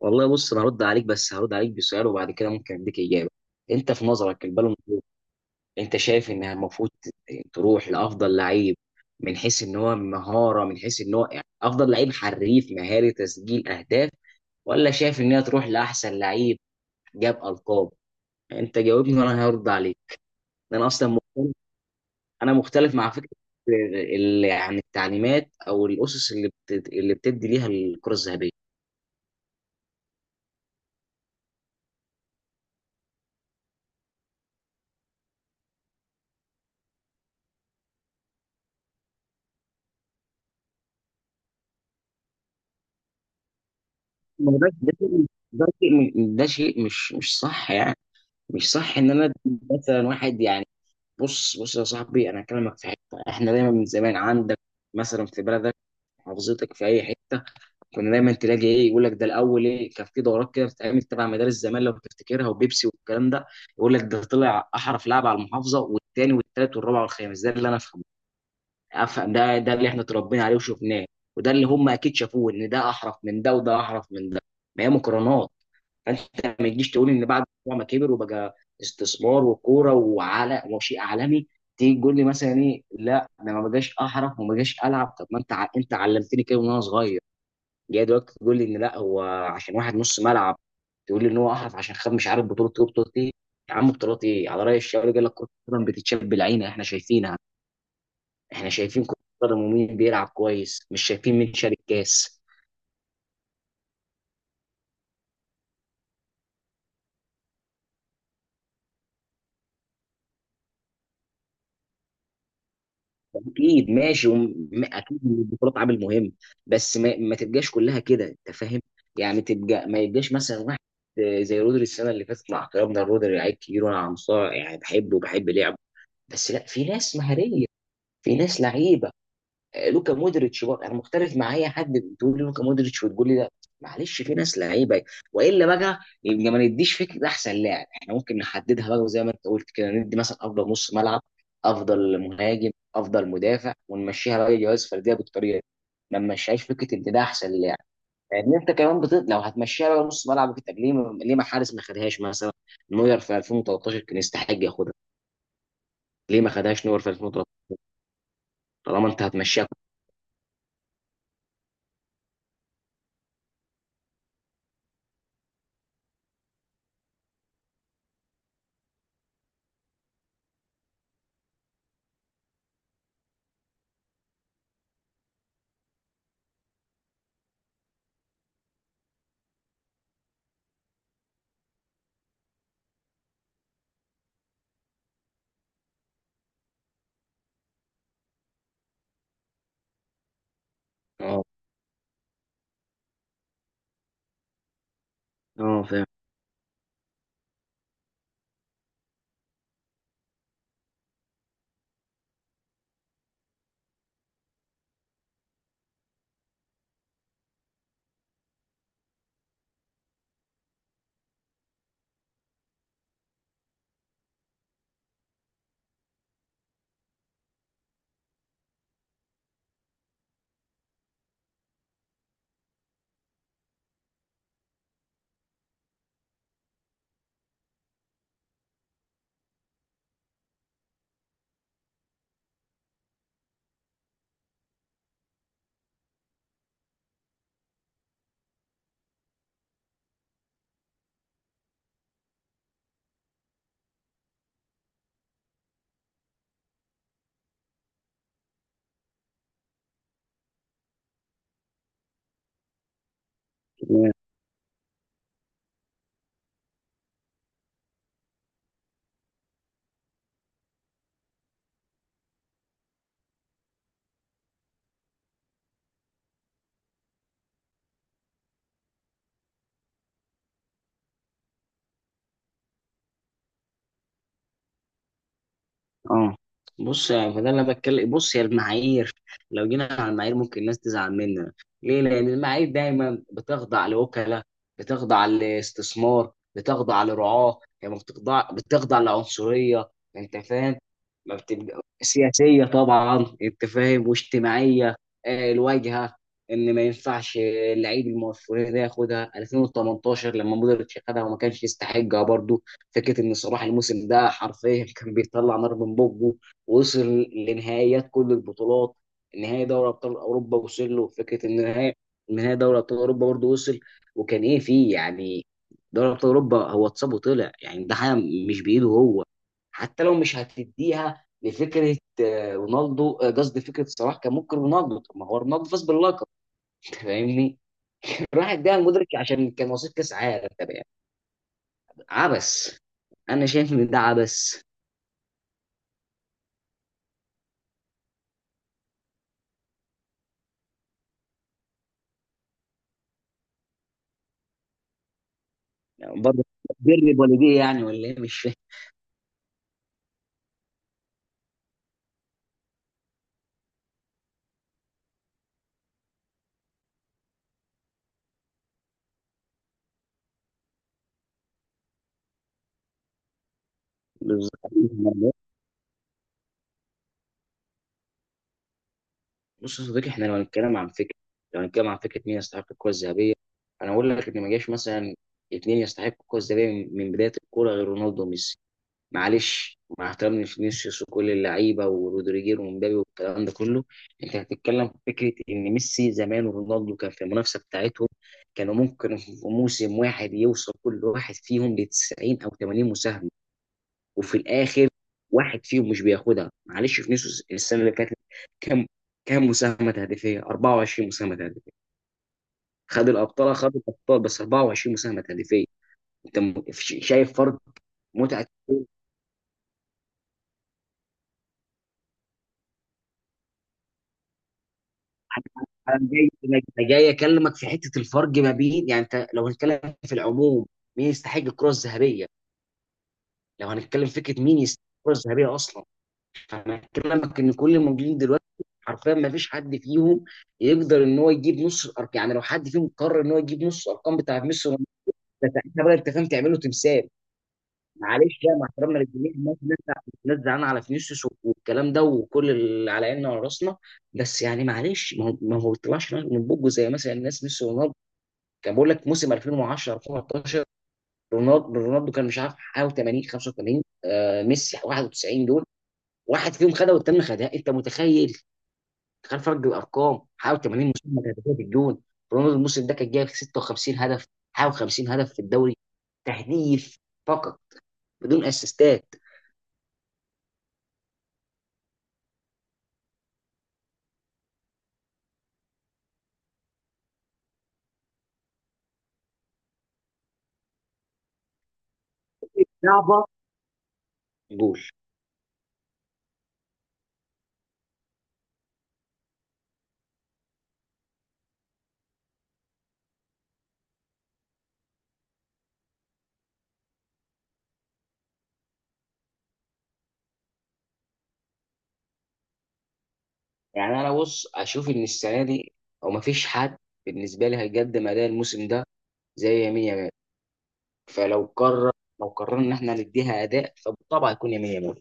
والله بص انا هرد عليك، بس هرد عليك بسؤال وبعد كده ممكن اديك اجابه. انت في نظرك البالون دور، انت شايف انها المفروض تروح لافضل لعيب؟ من حيث ان هو مهاره، من حيث ان هو يعني افضل لعيب حريف مهاري تسجيل اهداف، ولا شايف ان هي تروح لاحسن لعيب جاب القاب؟ انت جاوبني وانا هرد عليك. انا اصلا مختلف، انا مختلف مع فكره التعليمات او الاسس اللي بتدي ليها الكره الذهبيه. ما هو ده شيء، ده شيء مش صح يعني. مش صح ان انا أدي مثلا واحد يعني. بص يا صاحبي، انا هكلمك في حته احنا دايما من زمان عندك، مثلا في بلدك، محافظتك، في اي حته كنا دايما تلاقي ايه، يقول لك ده الاول. ايه، كان في دورات كده بتتعمل تبع مدارس زمان لو تفتكرها، وبيبسي والكلام ده. يقول لك ده طلع احرف لاعب على المحافظه، والتاني والتالت والرابع والخامس. ده اللي انا افهمه، افهم ده، ده اللي احنا اتربينا عليه وشفناه، وده اللي هم اكيد شافوه، ان ده احرف من ده وده احرف من ده. ما هي مقارنات. فانت ما تجيش تقول ان بعد ما كبر وبقى استثمار وكوره وعلى وشيء عالمي، تيجي تقول لي مثلا ايه، لا انا ما بقاش احرف وما بقاش العب. طب ما انت انت علمتني كده وانا صغير، جاي دلوقتي تقول لي ان لا، هو عشان واحد نص ملعب، تقول لي ان هو احرف عشان خد مش عارف بطوله ايه بطوله ايه. يا عم بطولات ايه؟ على راي الشاعر قال لك كره القدم بتتشاب بالعين، احنا شايفينها، احنا شايفين كره القدم ومين بيلعب كويس، مش شايفين مين شارك كاس. اكيد ماشي، اكيد إن البطولات عامل مهم، بس ما تبقاش كلها كده، انت فاهم؟ يعني تبقى ما يبقاش مثلا واحد زي رودري السنه اللي فاتت. مع احترامنا لرودري، لعيب كبير، وانا عنصار يعني، بحبه وبحب لعبه، بس لا، في ناس مهاريه، في ناس لعيبه. لوكا مودريتش بقى انا مختلف مع اي حد بتقول لي لوكا مودريتش وتقول لي ده. معلش، في ناس لعيبه. والا بقى يبقى ما نديش فكره احسن لاعب. احنا ممكن نحددها بقى زي ما انت قلت كده، ندي مثلا افضل نص ملعب، افضل مهاجم، افضل مدافع، ونمشيها بقى جوائز فرديه بالطريقه دي. ما نمشيهاش فكره ان ده احسن لاعب. لان انت كمان لو هتمشيها بقى نص ملعب وكده، طب ليه ما... ليه ما حارس ما خدهاش؟ مثلا نوير في 2013 كان يستحق ياخدها. ليه ما خدهاش نوير في 2013 طالما انت هتمشيها؟ اه، اه، فاهم، اه. بص يعني فده اللي انا بتكلم. بص، هي المعايير، لو جينا على المعايير ممكن الناس تزعل مننا. ليه؟ لان المعايير دايما بتخضع لوكلاء، بتخضع لاستثمار، بتخضع لرعاه، هي ما بتخضع، بتخضع لعنصريه، انت فاهم، ما بتبقى سياسيه طبعا، انت فاهم، واجتماعيه. الواجهه، ان ما ينفعش اللعيب المؤثر ده ياخدها. 2018 لما مودريتش خدها وما كانش يستحقها برضه. فكره ان صلاح الموسم ده حرفيا كان بيطلع نار من بقه، ووصل لنهائيات كل البطولات. نهائي دوري ابطال اوروبا وصل له، فكره ان نهائي دوري ابطال اوروبا برضه وصل. وكان ايه فيه يعني؟ دوري ابطال اوروبا هو اتصاب وطلع، يعني ده حاجه مش بايده هو. حتى لو مش هتديها لفكره رونالدو، قصدي فكره صلاح، كان ممكن رونالدو، طب ما هو رونالدو فاز باللقب. أنت فاهمني. راح اداها المدرك عشان كان وصيف كاس عالم. طب يعني عبس، انا شايف ان ده عبس. برضه بر والديه يعني، ولا ايه؟ مش فاهم. بالظبط. بص يا صديقي، احنا لو هنتكلم عن فكره، لو هنتكلم عن فكره مين يستحق الكره الذهبيه، انا اقول لك ان ما جاش مثلا اثنين يستحقوا الكره الذهبيه من بدايه الكوره غير رونالدو وميسي. معلش، مع احترامي لفينيسيوس وكل اللعيبه ورودريجير ومبابي والكلام ده كله. انت هتتكلم في فكره ان ميسي زمان ورونالدو كان في المنافسه بتاعتهم، كانوا ممكن في موسم واحد يوصل كل واحد فيهم ل 90 او 80 مساهمه، وفي الاخر واحد فيهم مش بياخدها. معلش، فينيسيوس السنه اللي فاتت كام، كام مساهمه تهديفيه؟ 24 مساهمه تهديفيه، خد الابطال، خد الابطال، بس 24 مساهمه تهديفيه. انت شايف فرق؟ متعه. انا جاي انا جاي اكلمك في حته الفرق ما بين، يعني انت لو هنتكلم في العموم مين يستحق الكره الذهبيه، لو هنتكلم فكره مين يستحق الكره الذهبيه اصلا، انا بكلمك ان كل الموجودين دلوقتي حرفيا ما فيش حد فيهم يقدر ان هو يجيب نص الارقام. يعني لو حد فيهم قرر ان هو يجيب نص الارقام بتاعت ميسي ورونالدو، ده ساعتها بقى انت فاهم تعمله تمثال. معلش بقى مع احترامنا للجميع، الناس زعلانه على فينيسيوس والكلام ده وكل اللي على عيننا وعلى راسنا، بس يعني معلش، ما هو طلعش من بوجه زي مثلا الناس ميسي ورونالدو. كان بقول لك موسم 2010، 2013، رونالدو كان مش عارف حاجه 80، 85، آه ميسي 91. دول واحد فيهم خدها والتاني خدها، انت متخيل؟ تخيل فرق الارقام، حاول 80 مساهمه تهديفيه في الجون. رونالدو الموسم ده كان جايب 56 هدف، حاول 50 هدف في الدوري تهديف فقط بدون اسيستات. صعبه. جول. يعني انا بص اشوف ان السنه دي، او مفيش حد بالنسبه لي هيقدم اداء الموسم ده زي يمين يامال. فلو قرر، لو قررنا ان احنا نديها اداء، فبالطبع هيكون يمين، يمين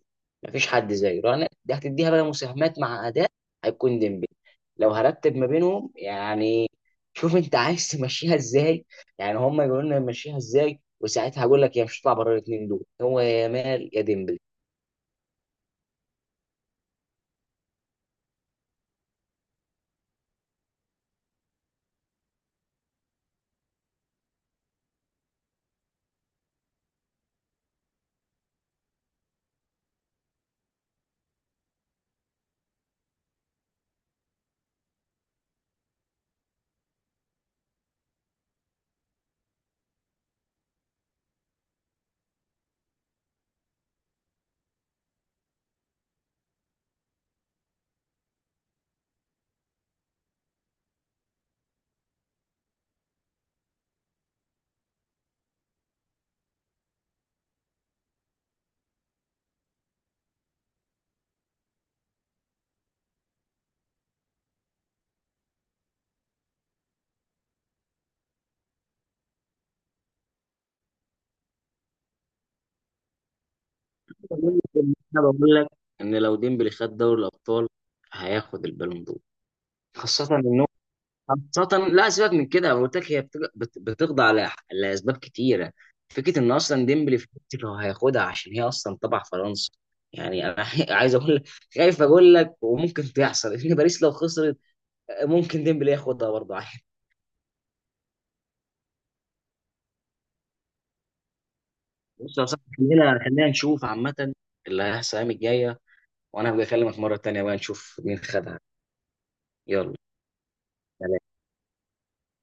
مفيش حد زيه. لو دي هتديها بقى مساهمات مع اداء، هيكون ديمبلي لو هرتب ما بينهم يعني. شوف انت عايز تمشيها ازاي، يعني هم يقولوا لنا نمشيها ازاي وساعتها هقول لك. يا مش هتطلع بره الاثنين دول، هو يا مال يا ديمبلي. انا بقول لك ان لو ديمبلي خد دوري الابطال هياخد البالون دور. خاصة ان، خاصة لا، سيبك من كده، أنا قلت لك هي بتخضع لأسباب كتيرة. فكرة إن أصلا ديمبلي في فرنسا هو هياخدها عشان هي أصلا تبع فرنسا. يعني أنا عايز أقول لك، خايف أقول لك، وممكن تحصل إن باريس لو خسرت ممكن ديمبلي ياخدها برضه عادي. بص يا صاحبي، خلينا نشوف عامة اللي هيحصل الأيام الجاية، وأنا هبقى أكلمك مرة تانية بقى نشوف مين خدها. يلا.